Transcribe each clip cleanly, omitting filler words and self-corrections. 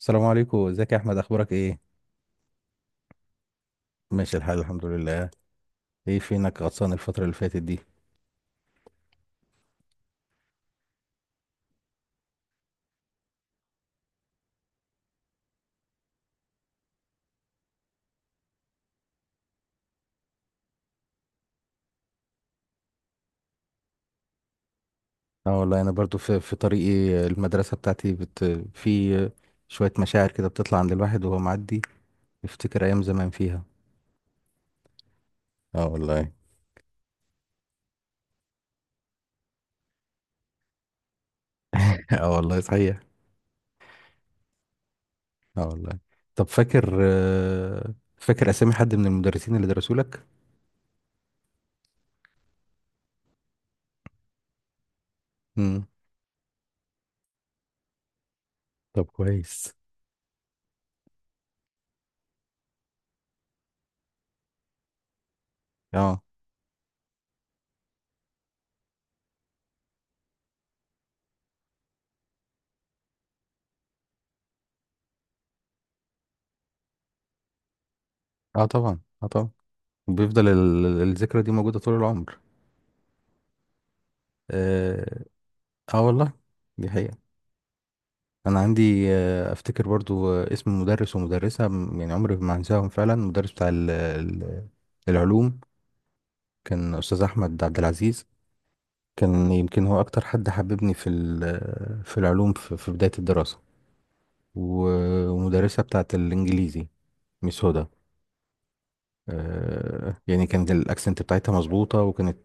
السلام عليكم. ازيك يا احمد؟ اخبارك ايه؟ ماشي الحال، الحمد لله. ايه فينك غطسان الفتره اللي فاتت دي؟ اه والله، انا برضو في طريقي. المدرسه بتاعتي بت في شويه مشاعر كده بتطلع عند الواحد وهو معدي، يفتكر ايام زمان فيها. اه والله. اه والله، صحيح. اه والله. طب فاكر، اسامي حد من المدرسين اللي درسوا لك؟ امم طب كويس. اه، اه طبعا، اه طبعا. بيفضل الذكرى دي موجوده طول العمر. اه، آه والله، دي حقيقة. انا عندي، افتكر برضو، اسم مدرس ومدرسه يعني عمري ما هنساهم فعلا. مدرس بتاع العلوم، كان استاذ احمد عبد العزيز. كان يمكن هو اكتر حد حببني في العلوم في بدايه الدراسه. ومدرسه بتاعه الانجليزي، ميس هدى. يعني كانت الاكسنت بتاعتها مظبوطه، وكانت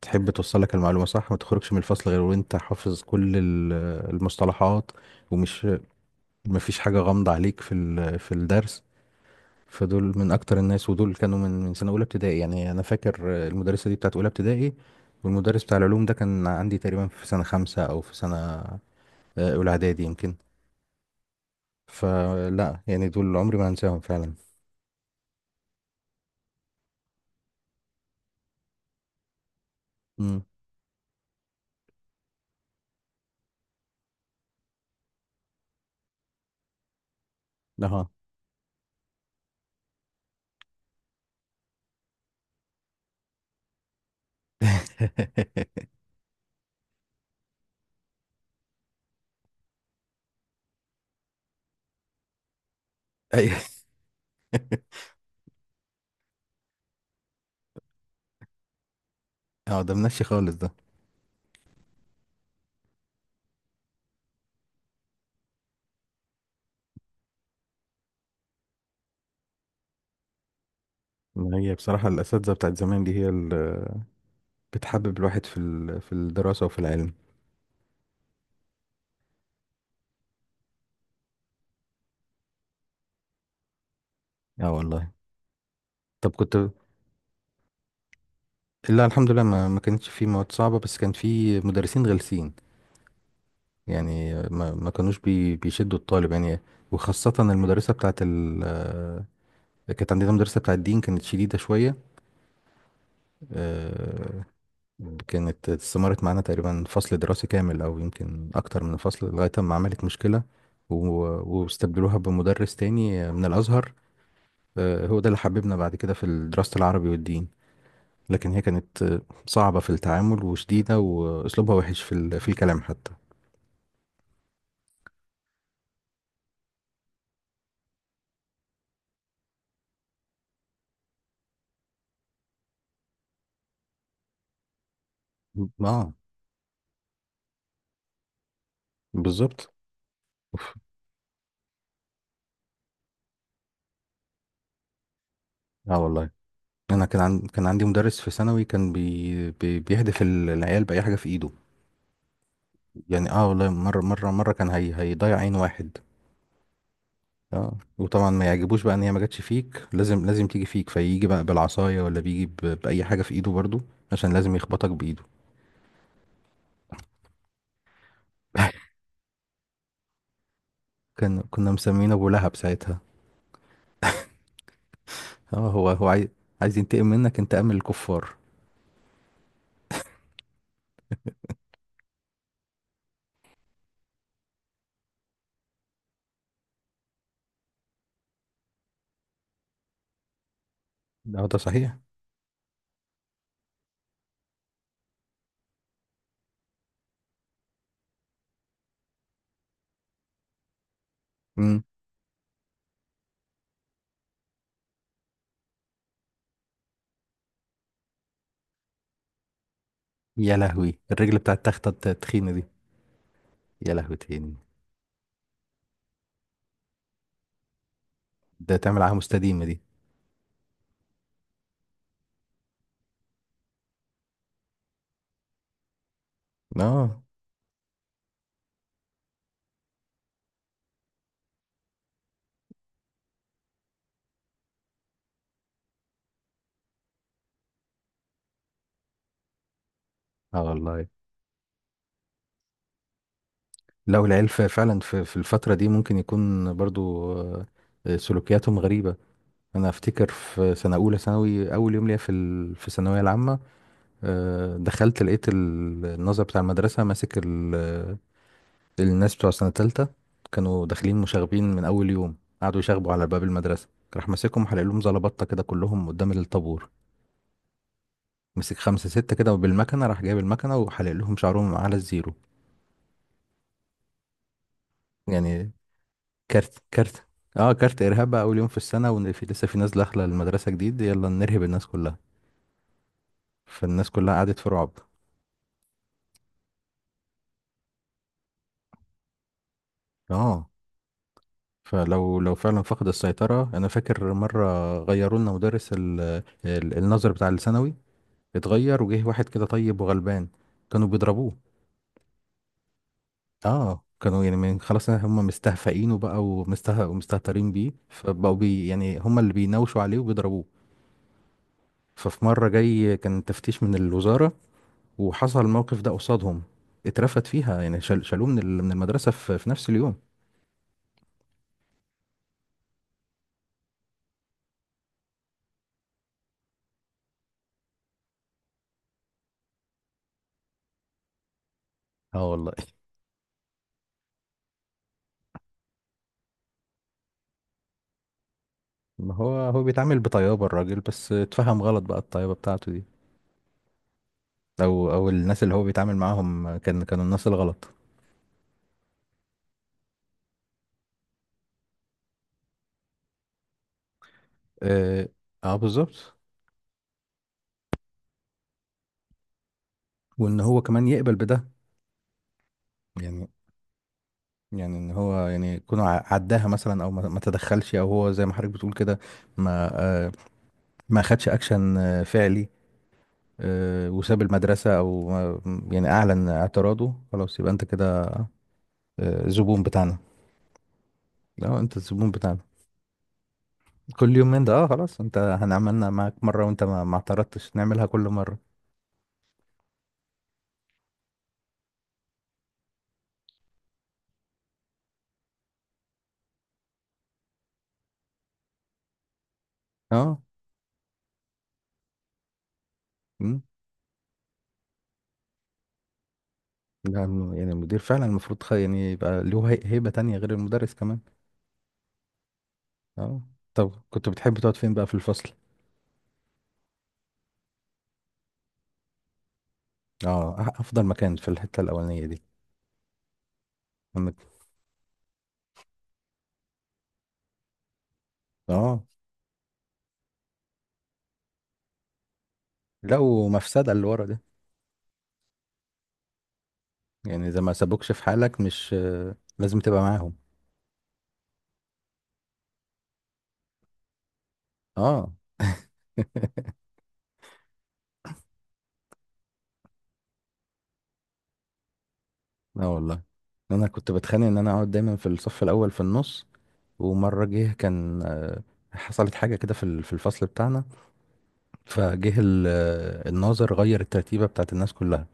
بتحب توصل لك المعلومه صح، ما تخرجش من الفصل غير وانت حافظ كل المصطلحات. ومش مفيش حاجه غامضه عليك في الدرس. فدول من اكتر الناس، ودول كانوا من سنه اولى ابتدائي. يعني انا فاكر، المدرسه دي بتاعت اولى ابتدائي، والمدرس بتاع العلوم ده كان عندي تقريبا في سنه خمسة او في سنه، اولى اعدادي يمكن. فلا، يعني دول عمري ما هنساهم فعلا. امم، اه. ايوه، اه، ده منشي خالص ده. ما هي بصراحه الاساتذه بتاعت زمان دي هي اللي بتحبب الواحد في الدراسه وفي العلم. اه والله. طب كنت لا، الحمد لله، ما كانتش في مواد صعبه، بس كان في مدرسين غلسين. يعني ما كانوش بيشدوا الطالب يعني. وخاصة المدرسة بتاعت ال آه، كانت عندنا مدرسة بتاعت الدين، كانت شديدة شوية. آه، كانت استمرت معانا تقريبا فصل دراسي كامل، أو يمكن أكتر من فصل، لغاية ما عملت مشكلة. واستبدلوها بمدرس تاني من الأزهر. هو ده اللي حببنا بعد كده في دراسة العربي والدين. لكن هي كانت، صعبة في التعامل وشديدة، وأسلوبها وحش في الكلام حتى. اه، بالظبط. اه والله. انا كان عندي مدرس في ثانوي، كان بيهدف العيال باي حاجه في ايده. يعني اه والله، مره مره مره كان هيضيع عين واحد. اه، وطبعا ما يعجبوش بقى ان هي ما جاتش فيك، لازم لازم تيجي فيك، فيجي بقى بالعصايه، ولا بيجي باي حاجه في ايده برضو، عشان لازم يخبطك بايده. كان كنا مسمينه ابو لهب ساعتها. اه، هو عايز ينتقم منك انتقام الكفار. اه، ده صحيح. امم يا لهوي، الرجل بتاع التخته التخينه دي؟ يا لهوتين، ده تعمل عليها مستديمه دي. اه، اه والله. لا، والعيال فعلا في الفترة دي ممكن يكون برضو، سلوكياتهم غريبة. أنا أفتكر في سنة أولى ثانوي، أول يوم ليا في الثانوية العامة، دخلت لقيت الناظر بتاع المدرسة ماسك، الناس بتوع سنة تالتة، كانوا داخلين مشاغبين من أول يوم، قعدوا يشاغبوا على باب المدرسة. راح ماسكهم، حلق لهم زلبطة كده كلهم قدام الطابور. مسك خمسة ستة كده، وبالمكنة، راح جايب المكنة وحلق لهم شعرهم على الزيرو. يعني كارت، كارت، اه كارت ارهاب بقى. اول يوم في السنه، وفي لسه في ناس داخله المدرسه جديد، يلا نرهب الناس كلها. فالناس كلها قعدت في رعب. اه، فلو لو فعلا فقد السيطره. انا فاكر مره غيروا لنا مدرس النظر بتاع الثانوي، اتغير، وجه واحد كده طيب وغلبان، كانوا بيضربوه. اه، كانوا يعني، من خلاص هم مستهفئينه بقى ومستهترين بيه، فبقوا يعني هم اللي بيناوشوا عليه وبيضربوه. ففي مره جاي كان تفتيش من الوزاره، وحصل الموقف ده قصادهم، اترفد فيها، يعني شالوه من المدرسة في في نفس اليوم. اه والله. ما هو بيتعامل بطيابة الراجل، بس اتفهم غلط بقى الطيابة بتاعته دي، او الناس اللي هو بيتعامل معاهم كانوا الناس الغلط. اه، آه بالظبط. وان هو كمان يقبل بده. يعني يعني ان هو يعني يكون عداها مثلا، او ما تدخلش، او هو زي ما حضرتك بتقول كده، ما آه ما خدش اكشن، فعلي، وساب المدرسة، او ما- يعني اعلن اعتراضه. خلاص، يبقى انت كده، زبون بتاعنا. اه، انت الزبون بتاعنا كل يوم من ده. اه، خلاص، انت هنعملنا معاك مرة وانت ما اعترضتش، نعملها كل مرة. اه. مم. لا، يعني المدير فعلا المفروض، يعني يبقى له، هيبة تانية غير المدرس كمان. اه. طب كنت بتحب تقعد فين بقى في الفصل؟ اه، افضل مكان في الحتة الاولانية دي. لما ت- اه، لا، ومفسدة اللي ورا ده. يعني اذا ما سابوكش في حالك، مش لازم تبقى معاهم. اه. لا والله، انا كنت بتخانق ان انا اقعد دايما في الصف الاول في النص. ومرة جه كان، حصلت حاجة كده في الفصل بتاعنا. فجه، الناظر، غير الترتيبة بتاعت الناس كلها.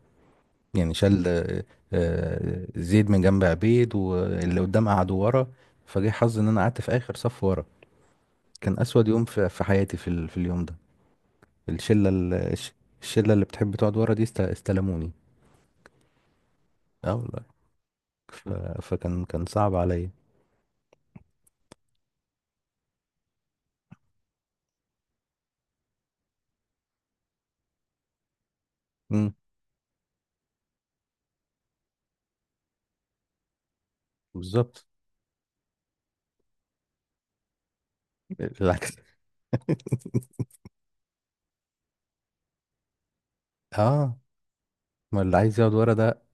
يعني شال، زيد من جنب عبيد، واللي قدام قعد ورا. فجه حظي ان انا قعدت في اخر صف ورا. كان اسود يوم في حياتي في اليوم ده. الشلة، اللي بتحب تقعد ورا دي استلموني. اه والله. ف- فكان صعب عليا. مم، بالظبط. العكس. اه، ما اللي عايز يقعد ورا ده.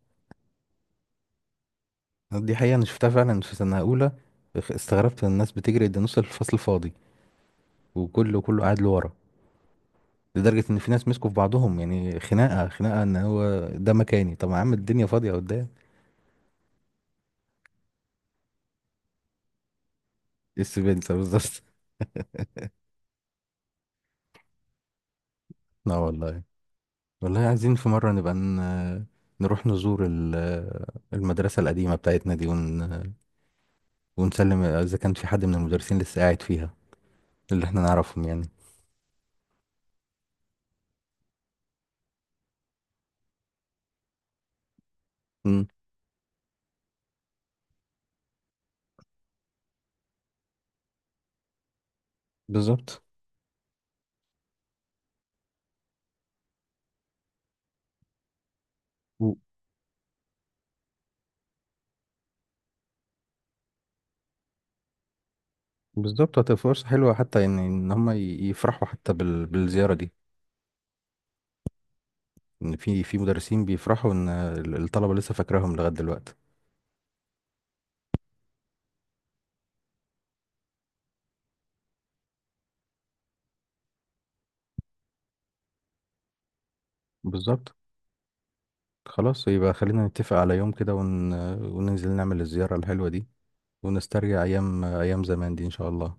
دي حقيقة، أنا شفتها فعلا في سنة أولى. استغربت إن الناس بتجري قد نص الفصل فاضي، وكله كله قاعد لورا. لدرجة إن في ناس مسكوا في بعضهم، يعني خناقة، خناقة إن هو ده مكاني. طب يا عم الدنيا فاضية قدام. إيه السبنسر بالظبط. لا والله. والله عايزين في مرة نبقى، نروح نزور المدرسة القديمة بتاعتنا دي، ونسلم إذا كان في حد من المدرسين لسه قاعد فيها، اللي إحنا نعرفهم يعني. مم. بالظبط. بالظبط، هتبقى فرصة حلوة، حتى ان هم يفرحوا حتى بالزيارة دي. ان في مدرسين بيفرحوا ان الطلبة لسه فاكراهم لغاية دلوقتي. بالظبط. خلاص، يبقى خلينا نتفق على يوم كده، وننزل نعمل الزيارة الحلوة دي، ونسترجع ايام، ايام زمان دي ان شاء الله.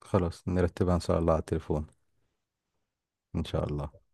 خلاص، نرتبها ان شاء الله على التليفون. ان شاء الله.